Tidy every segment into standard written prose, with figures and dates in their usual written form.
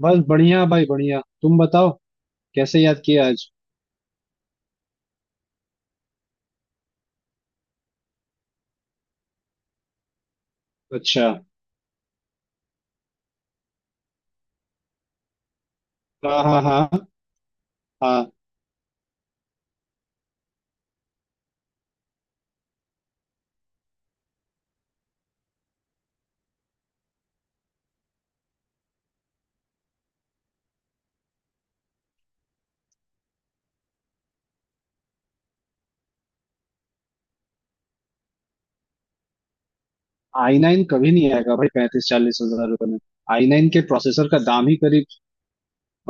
बस बढ़िया भाई बढ़िया। तुम बताओ, कैसे याद किया आज? अच्छा। हाँ हाँ हाँ हाँ। आई नाइन कभी नहीं आएगा भाई 35 40 हजार रुपए में। आई नाइन के प्रोसेसर का दाम ही करीब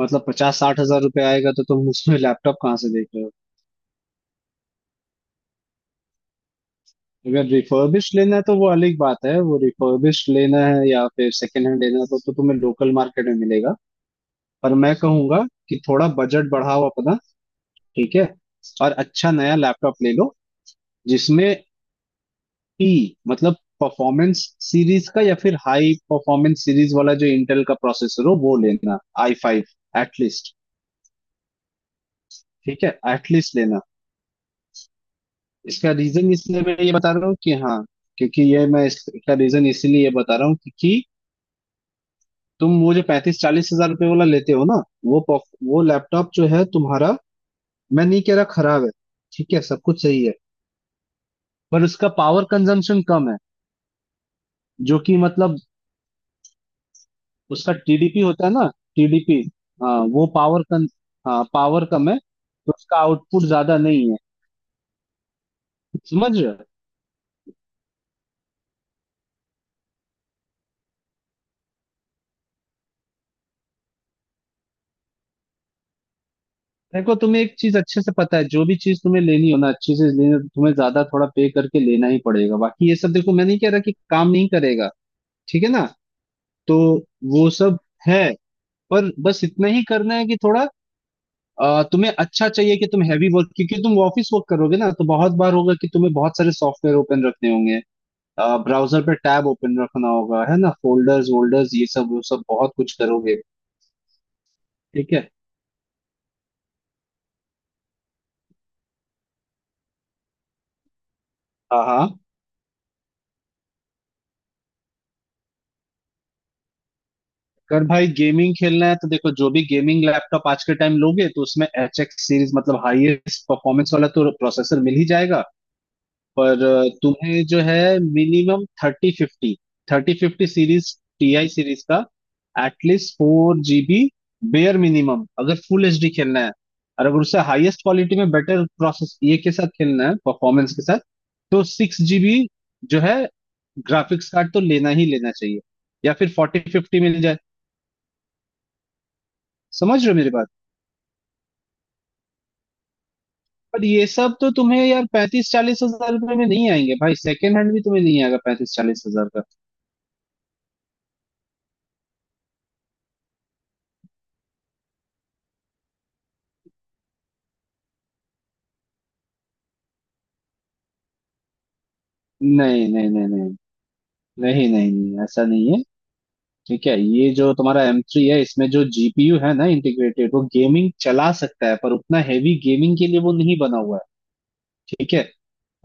मतलब 50 60 हजार रुपए आएगा, तो तुम उसमें लैपटॉप कहाँ से देख रहे हो? अगर रिफर्बिश लेना है तो वो अलग बात है। वो रिफर्बिश लेना है या फिर सेकेंड हैंड लेना है तो तुम्हें लोकल मार्केट में मिलेगा। पर मैं कहूंगा कि थोड़ा बजट बढ़ाओ अपना। ठीक है, और अच्छा नया लैपटॉप ले लो, जिसमें पी मतलब परफॉर्मेंस सीरीज का या फिर हाई परफॉर्मेंस सीरीज वाला, जो इंटेल का प्रोसेसर हो वो लेना। I five at least. ठीक है, एटलीस्ट लेना। इसका रीजन इसलिए मैं ये बता रहा हूँ कि हाँ, क्योंकि ये मैं इसका रीजन इसीलिए ये बता रहा हूँ, क्योंकि तुम वो जो 35 40 हजार रुपये वाला लेते हो ना, वो वो लैपटॉप जो है तुम्हारा, मैं नहीं कह रहा खराब है। ठीक है, सब कुछ सही है, पर उसका पावर कंजम्पशन कम है। जो कि मतलब उसका टीडीपी होता है ना। टीडीपी। हाँ, वो पावर कन हाँ पावर कम है तो उसका आउटपुट ज्यादा नहीं है। समझ रहे हो? देखो, तुम्हें एक चीज अच्छे से पता है, जो भी चीज तुम्हें लेनी हो ना, अच्छी से लेनी हो, तो तुम्हें ज्यादा थोड़ा पे करके लेना ही पड़ेगा। बाकी ये सब देखो, मैं नहीं कह रहा कि काम नहीं करेगा। ठीक है ना, तो वो सब है। पर बस इतना ही करना है कि थोड़ा तुम्हें अच्छा चाहिए कि तुम हैवी वर्क, क्योंकि तुम ऑफिस वर्क करोगे ना, तो बहुत बार होगा कि तुम्हें बहुत सारे सॉफ्टवेयर ओपन रखने होंगे। ब्राउजर पे टैब ओपन रखना होगा, है ना? फोल्डर्स वोल्डर्स ये सब वो सब बहुत कुछ करोगे। ठीक है। हाँ हाँ। अगर भाई गेमिंग खेलना है तो देखो, जो भी गेमिंग लैपटॉप आज के टाइम लोगे तो उसमें एच एक्स सीरीज मतलब हाईएस्ट परफॉर्मेंस वाला तो प्रोसेसर मिल ही जाएगा। पर तुम्हें जो है minimum thirty fifty, thirty fifty series, TI series का, at least four GB, bare minimum अगर फुल एचडी खेलना है। और अगर उससे हाईएस्ट क्वालिटी में बेटर प्रोसेस ये के साथ खेलना है, परफॉर्मेंस के साथ, तो सिक्स जीबी जो है ग्राफिक्स कार्ड तो लेना ही लेना चाहिए, या फिर फोर्टी फिफ्टी मिल जाए। समझ रहे हो मेरी बात? पर ये सब तो तुम्हें यार 35 40 हजार रुपए में नहीं आएंगे भाई। सेकेंड हैंड भी तुम्हें नहीं आएगा 35 40 हजार का। नहीं नहीं नहीं नहीं, नहीं नहीं नहीं, ऐसा नहीं है। ठीक है, ये जो तुम्हारा एम थ्री है, इसमें जो जीपीयू है ना इंटीग्रेटेड, वो गेमिंग चला सकता है, पर उतना हैवी गेमिंग के लिए वो नहीं बना हुआ है। ठीक है।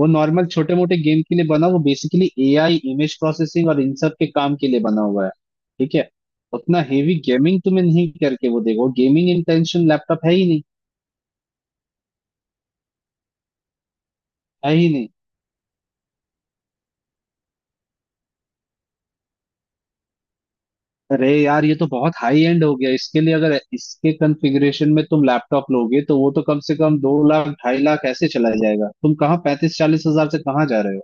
वो नॉर्मल छोटे मोटे गेम के लिए बना, वो बेसिकली एआई इमेज प्रोसेसिंग और इन सब के काम के लिए बना हुआ है। ठीक है। उतना हेवी गेमिंग तुम्हें नहीं करके वो देगा, गेमिंग इंटेंशन लैपटॉप है ही नहीं। है ही नहीं। अरे यार ये तो बहुत हाई एंड हो गया, इसके लिए अगर इसके कॉन्फ़िगरेशन में तुम लैपटॉप लोगे तो वो तो कम से कम 2 लाख ढाई लाख ऐसे चला जाएगा, तुम कहाँ 35 40 हजार से कहाँ जा रहे हो?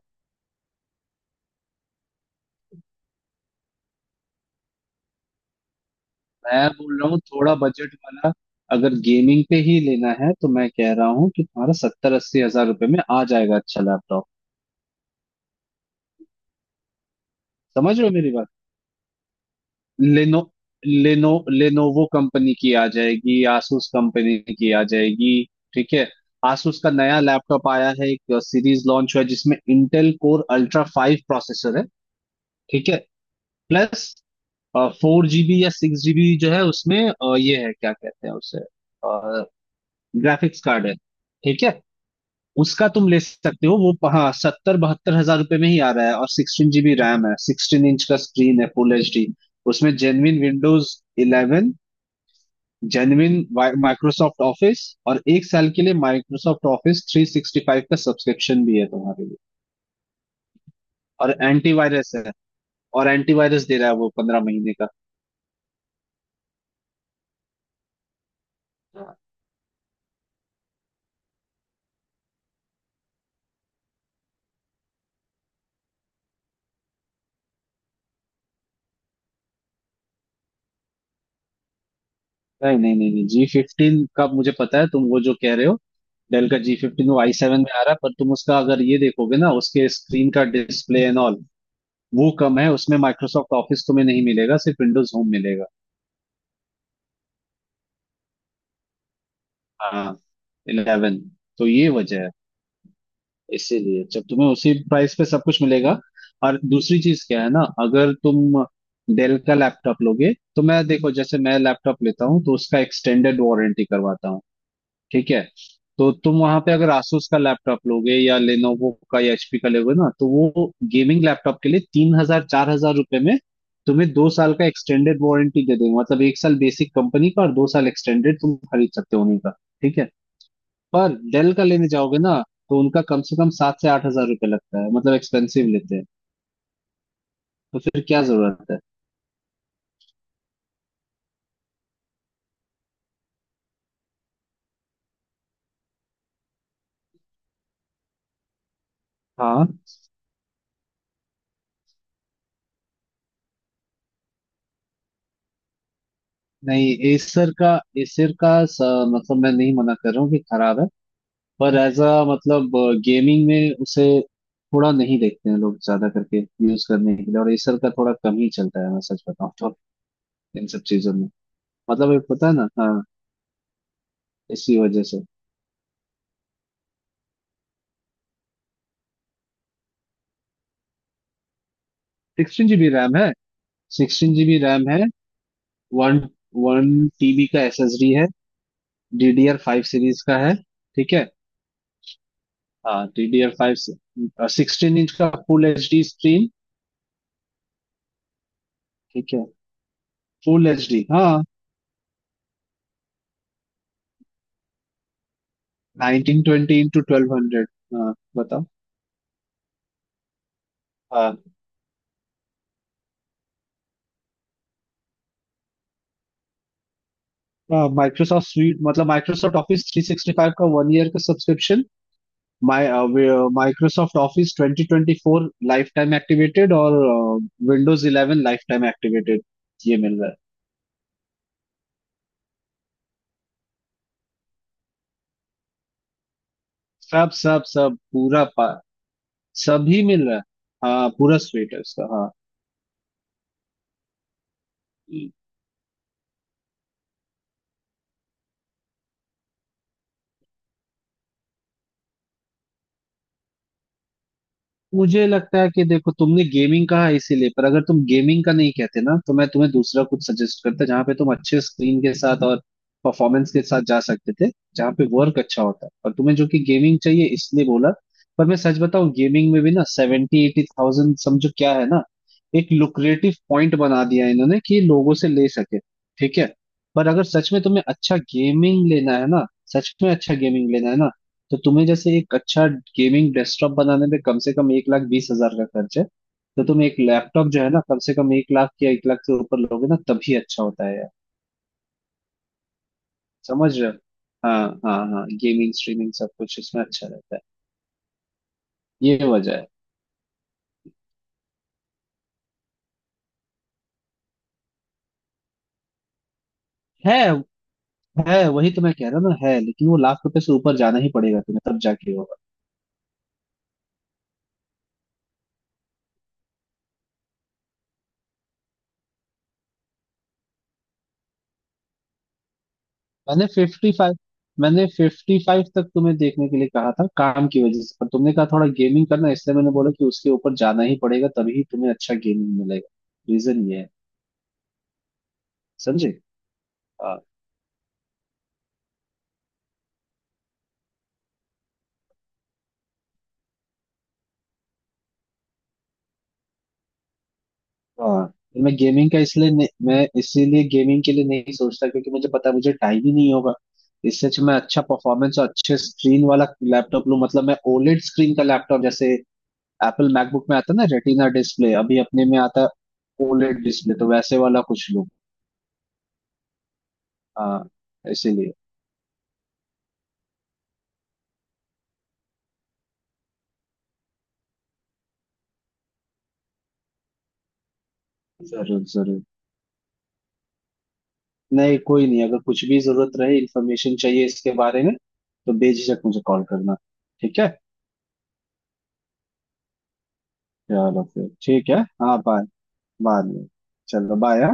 मैं बोल रहा हूँ थोड़ा बजट वाला, अगर गेमिंग पे ही लेना है तो मैं कह रहा हूँ कि तुम्हारा 70 80 हजार रुपये में आ जाएगा अच्छा लैपटॉप। समझ रहे हो मेरी बात? लेनो लेनो लेनोवो कंपनी की आ जाएगी, asus कंपनी की आ जाएगी। ठीक है। asus का नया लैपटॉप आया है, एक सीरीज लॉन्च हुआ है जिसमें Intel core ultra five processor है। ठीक है। प्लस फोर जीबी या सिक्स जीबी जो है उसमें ये है, क्या कहते हैं उसे, ग्राफिक्स कार्ड है। ठीक है। उसका तुम ले सकते हो, वो हाँ 70 72 हजार रुपये में ही आ रहा है। और सिक्सटीन जीबी रैम है, सिक्सटीन इंच का स्क्रीन है, फुल एच डी। उसमें genuine Windows eleven, genuine Microsoft Office, और एक साल के लिए माइक्रोसॉफ्ट ऑफिस 365 का सब्सक्रिप्शन भी है तुम्हारे लिए। और एंटीवायरस है, और एंटीवायरस दे रहा है वो 15 महीने का। नहीं नहीं नहीं नहीं, जी फिफ्टीन का मुझे पता है तुम वो जो कह रहे हो। डेल का जी फिफ्टीन वो आई सेवन में आ रहा है, पर तुम उसका अगर ये देखोगे ना, उसके स्क्रीन का डिस्प्ले एंड ऑल वो कम है। उसमें माइक्रोसॉफ्ट ऑफिस तुम्हें नहीं मिलेगा, सिर्फ विंडोज होम मिलेगा। हाँ, इलेवन। तो ये वजह है, इसीलिए जब तुम्हें उसी प्राइस पे सब कुछ मिलेगा। और दूसरी चीज क्या है ना, अगर तुम डेल का लैपटॉप लोगे तो मैं, देखो जैसे मैं लैपटॉप लेता हूँ तो उसका एक्सटेंडेड वारंटी करवाता हूँ। ठीक है। तो तुम वहां पे अगर asus का लैपटॉप लोगे या लेनोवो का या hp का लोगे ना, तो वो गेमिंग लैपटॉप के लिए 3 हजार 4 हजार रुपए में तुम्हें 2 साल का एक्सटेंडेड वारंटी दे देंगे। मतलब एक साल बेसिक कंपनी का और 2 साल एक्सटेंडेड तुम खरीद सकते हो उन्हीं का। ठीक है। पर डेल का लेने जाओगे ना तो उनका कम से कम 7 से 8 हजार रुपये लगता है, मतलब एक्सपेंसिव लेते हैं। तो फिर क्या जरूरत है? हाँ। नहीं, एसर का, एसर का स, मतलब मैं नहीं मना कर रहा हूँ कि खराब है। पर एज अ मतलब गेमिंग में उसे थोड़ा नहीं देखते हैं लोग, ज्यादा करके यूज करने के लिए। और एसर का थोड़ा कम ही चलता है, मैं सच बताऊँ तो, इन सब चीजों में। मतलब ये पता है ना। हाँ, इसी वजह से। सिक्सटीन जीबी रैम है सिक्सटीन जीबी रैम है। वन वन टीबी का एसएसडी है। डीडीआर फाइव सीरीज का है। ठीक है। हाँ, डीडीआर फाइव, सिक्सटीन इंच का फुल एच डी स्क्रीन। ठीक है, फुल एच डी हाँ। Nineteen twenty into twelve hundred. हाँ बताओ। हाँ माइक्रोसॉफ्ट स्वीट मतलब Microsoft Office three sixty five का वन ईयर का subscription, Microsoft Office twenty twenty four life time activated, और Windows eleven life time activated, ये मिल रहा है। सब सब सब सभी मिल रहा है। हाँ पूरा स्वीट है उसका। हाँ। मुझे लगता है कि देखो, तुमने गेमिंग कहा है इसीलिए, पर अगर तुम गेमिंग का नहीं कहते ना, तो मैं तुम्हें दूसरा कुछ सजेस्ट करता, जहाँ पे तुम अच्छे स्क्रीन के साथ और परफॉर्मेंस के साथ जा सकते थे, जहाँ पे वर्क अच्छा होता। और तुम्हें जो कि गेमिंग चाहिए इसलिए बोला। पर मैं सच बताऊं, गेमिंग में भी ना सेवेंटी एटी थाउजेंड, समझो क्या है ना, एक लुक्रेटिव पॉइंट बना दिया है इन्होंने कि लोगों से ले सके। ठीक है। पर अगर सच में तुम्हें अच्छा गेमिंग लेना है ना, सच में अच्छा गेमिंग लेना है ना, तो तुम्हें जैसे एक अच्छा गेमिंग डेस्कटॉप बनाने में कम से कम 1 लाख 20 हजार का खर्च है। तो तुम एक लैपटॉप जो है ना, कम से कम एक लाख या 1 लाख से ऊपर लोगे ना, तभी अच्छा होता है यार। समझ रहे हो? हाँ हाँ हाँ, गेमिंग स्ट्रीमिंग सब कुछ इसमें अच्छा रहता है। ये वजह है। है, वही तो मैं कह रहा हूँ ना, है, लेकिन वो लाख रुपए से ऊपर जाना ही पड़ेगा तुम्हें, तब जाके होगा। मैंने फिफ्टी फाइव मैंने फिफ्टी फाइव तक तुम्हें देखने के लिए कहा था काम की वजह से, पर तुमने कहा थोड़ा गेमिंग करना, इसलिए मैंने बोला कि उसके ऊपर जाना ही पड़ेगा, तभी तुम्हें अच्छा गेमिंग मिलेगा। रीजन ये है। समझे? हाँ हाँ। मैं इसीलिए गेमिंग के लिए नहीं सोचता, क्योंकि मुझे पता है मुझे टाइम ही नहीं होगा। इससे अच्छा मैं अच्छा परफॉर्मेंस और अच्छे स्क्रीन वाला लैपटॉप लूं। मतलब मैं ओलेड स्क्रीन का लैपटॉप, जैसे एप्पल मैकबुक में आता है ना रेटिना डिस्प्ले, अभी अपने में आता है ओलेड डिस्प्ले, तो वैसे वाला कुछ लूं। हाँ, इसीलिए। जरूर जरूर। नहीं, कोई नहीं, अगर कुछ भी जरूरत रहे, इंफॉर्मेशन चाहिए इसके बारे में, तो बेझिझक मुझे कॉल करना। ठीक है, चलो फिर ठीक है, हाँ बाय। बाद में, चलो बाय।